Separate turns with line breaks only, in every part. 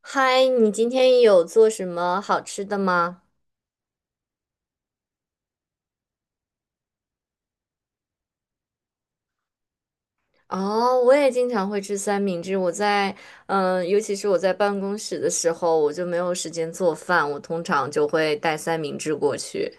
嗨，你今天有做什么好吃的吗？哦，我也经常会吃三明治。我在，尤其是我在办公室的时候，我就没有时间做饭，我通常就会带三明治过去。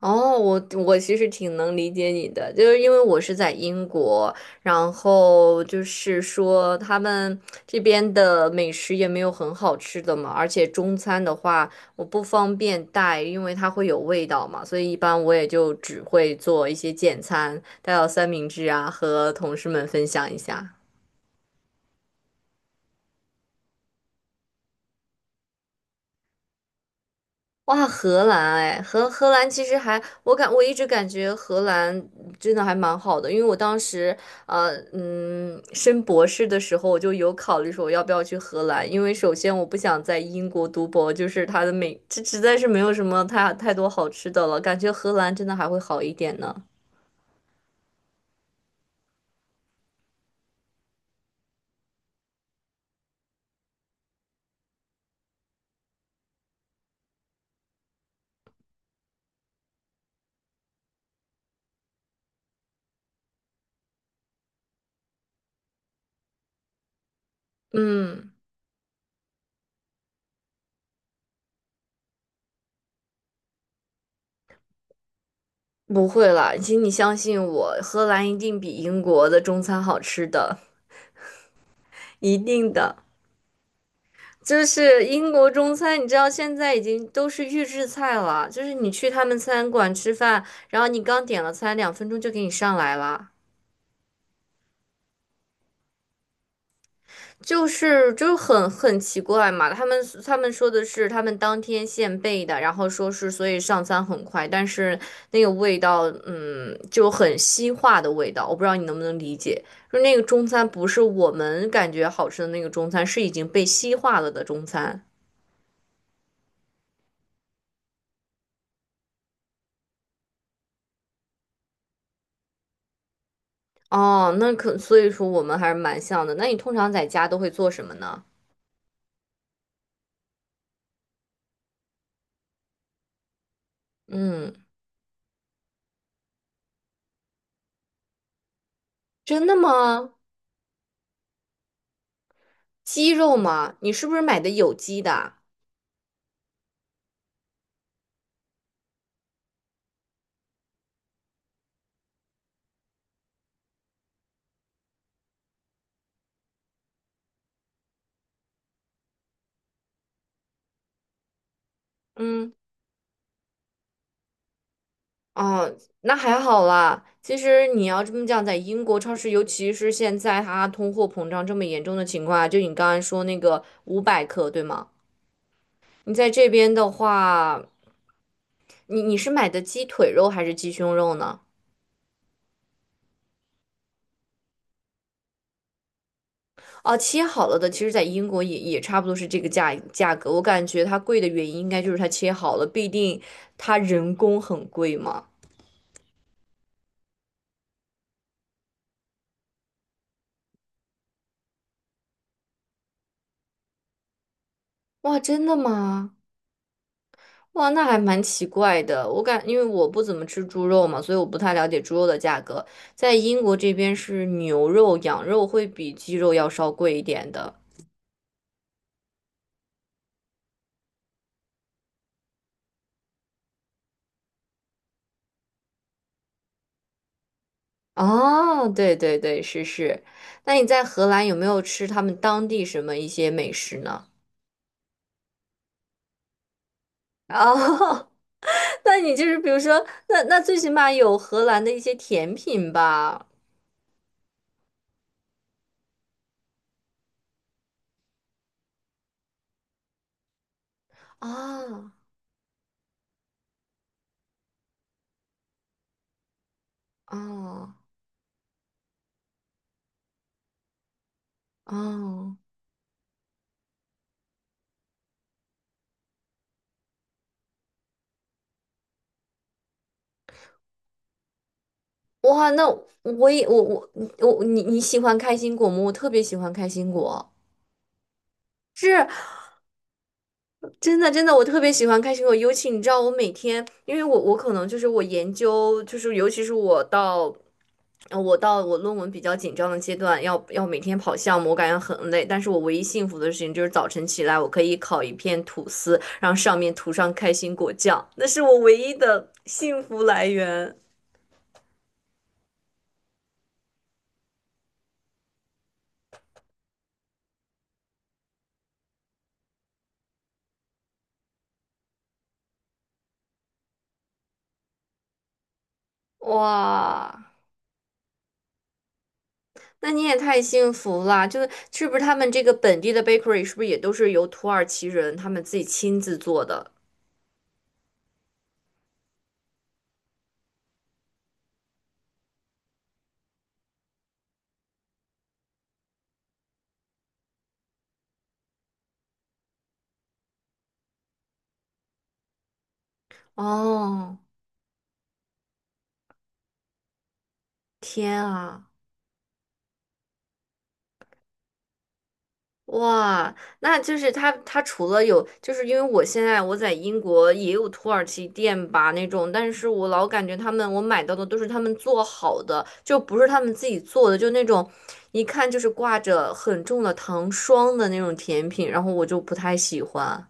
哦，我其实挺能理解你的，就是因为我是在英国，然后就是说他们这边的美食也没有很好吃的嘛，而且中餐的话我不方便带，因为它会有味道嘛，所以一般我也就只会做一些简餐，带到三明治啊，和同事们分享一下。哇，荷兰哎，荷兰其实还，我一直感觉荷兰真的还蛮好的，因为我当时升博士的时候，我就有考虑说我要不要去荷兰，因为首先我不想在英国读博，就是它的美，这实在是没有什么太多好吃的了，感觉荷兰真的还会好一点呢。嗯，不会啦，请你相信我，荷兰一定比英国的中餐好吃的，一定的。就是英国中餐，你知道现在已经都是预制菜了，就是你去他们餐馆吃饭，然后你刚点了餐，两分钟就给你上来了，就是就很奇怪嘛。他们说的是他们当天现备的，然后说是所以上餐很快，但是那个味道，就很西化的味道，我不知道你能不能理解，就那个中餐不是我们感觉好吃的那个中餐，是已经被西化了的中餐。哦，那可，所以说我们还是蛮像的。那你通常在家都会做什么呢？嗯，真的吗？鸡肉吗？你是不是买的有机的？嗯，哦，那还好啦。其实你要这么讲，在英国超市，尤其是现在它通货膨胀这么严重的情况下，就你刚才说那个五百克，对吗？你在这边的话，你是买的鸡腿肉还是鸡胸肉呢？哦，切好了的，其实在英国也差不多是这个价格。我感觉它贵的原因应该就是它切好了，必定它人工很贵嘛。哇，真的吗？哇，那还蛮奇怪的。因为我不怎么吃猪肉嘛，所以我不太了解猪肉的价格。在英国这边是牛肉、羊肉会比鸡肉要稍贵一点的。哦，对，是。那你在荷兰有没有吃他们当地什么一些美食呢？哦。那你就是比如说，那最起码有荷兰的一些甜品吧？啊啊啊！哇，那我也我我我你你喜欢开心果吗？我特别喜欢开心果。是真的，真的，我特别喜欢开心果。尤其你知道，我每天，因为我可能就是尤其是我到我论文比较紧张的阶段，每天跑项目，我感觉很累。但是我唯一幸福的事情就是早晨起来，我可以烤一片吐司，然后上面涂上开心果酱，那是我唯一的幸福来源。哇，那你也太幸福啦！就是是不是他们这个本地的 bakery 是不是也都是由土耳其人他们自己亲自做的？哦，天啊！哇，那就是他，他除了有，就是因为我现在我在英国也有土耳其店吧那种，但是我老感觉他们我买到的都是他们做好的，就不是他们自己做的，就那种一看就是挂着很重的糖霜的那种甜品，然后我就不太喜欢。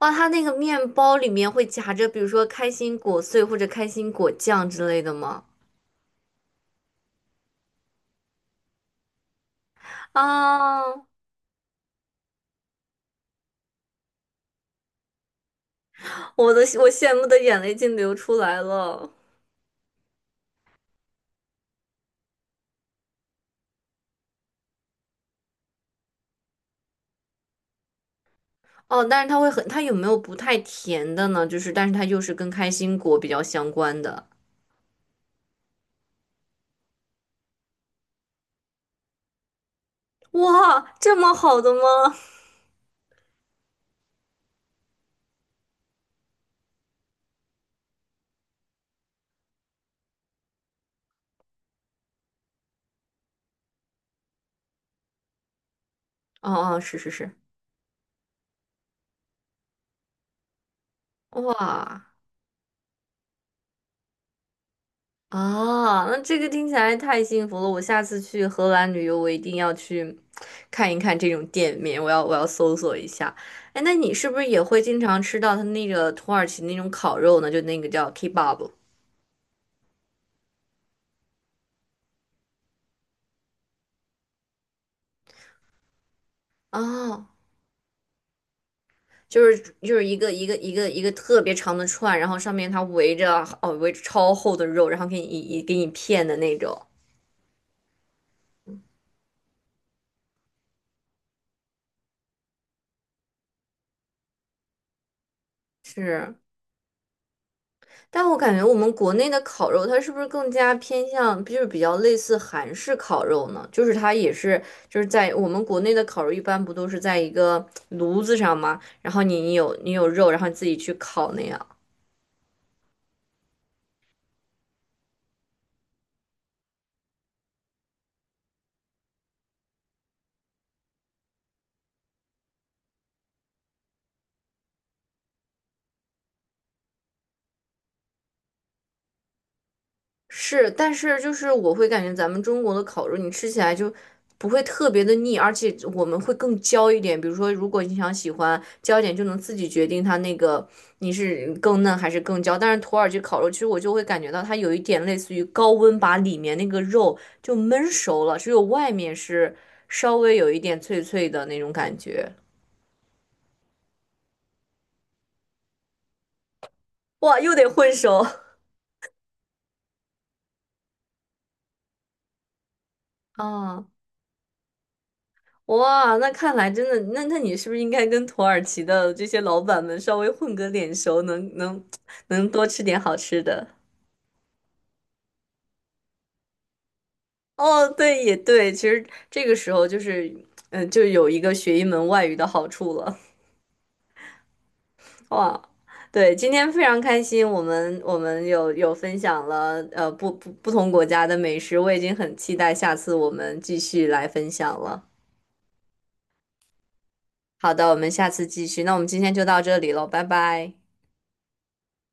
哇，他那个面包里面会夹着，比如说开心果碎或者开心果酱之类的吗？啊，我羡慕的眼泪竟流出来了。哦，但是它会很，它有没有不太甜的呢？就是，但是它又是跟开心果比较相关的。哇，这么好的吗？哦哦，是是是，哇啊，那这个听起来太幸福了！我下次去荷兰旅游，我一定要去看一看这种店面，我要搜索一下。哎，那你是不是也会经常吃到它那个土耳其那种烤肉呢？就那个叫 kebab。 啊？就是就是一个特别长的串，然后上面它围着超厚的肉，然后给你片的那种。是，但我感觉我们国内的烤肉，它是不是更加偏向就是比较类似韩式烤肉呢？就是它也是就是在我们国内的烤肉一般不都是在一个炉子上吗？然后你有肉，然后你自己去烤那样。是，但是就是我会感觉咱们中国的烤肉，你吃起来就不会特别的腻，而且我们会更焦一点。比如说，如果你想喜欢焦一点，就能自己决定它那个你是更嫩还是更焦。但是土耳其烤肉，其实我就会感觉到它有一点类似于高温把里面那个肉就焖熟了，只有外面是稍微有一点脆脆的那种感觉。哇，又得混熟。啊！哇，那看来真的，那你是不是应该跟土耳其的这些老板们稍微混个脸熟，能多吃点好吃的？哦，对，也对，其实这个时候就是，就有一个学一门外语的好处了。哇，对，今天非常开心，我们分享了不同国家的美食，我已经很期待下次我们继续来分享了。好的，我们下次继续，那我们今天就到这里喽，拜拜。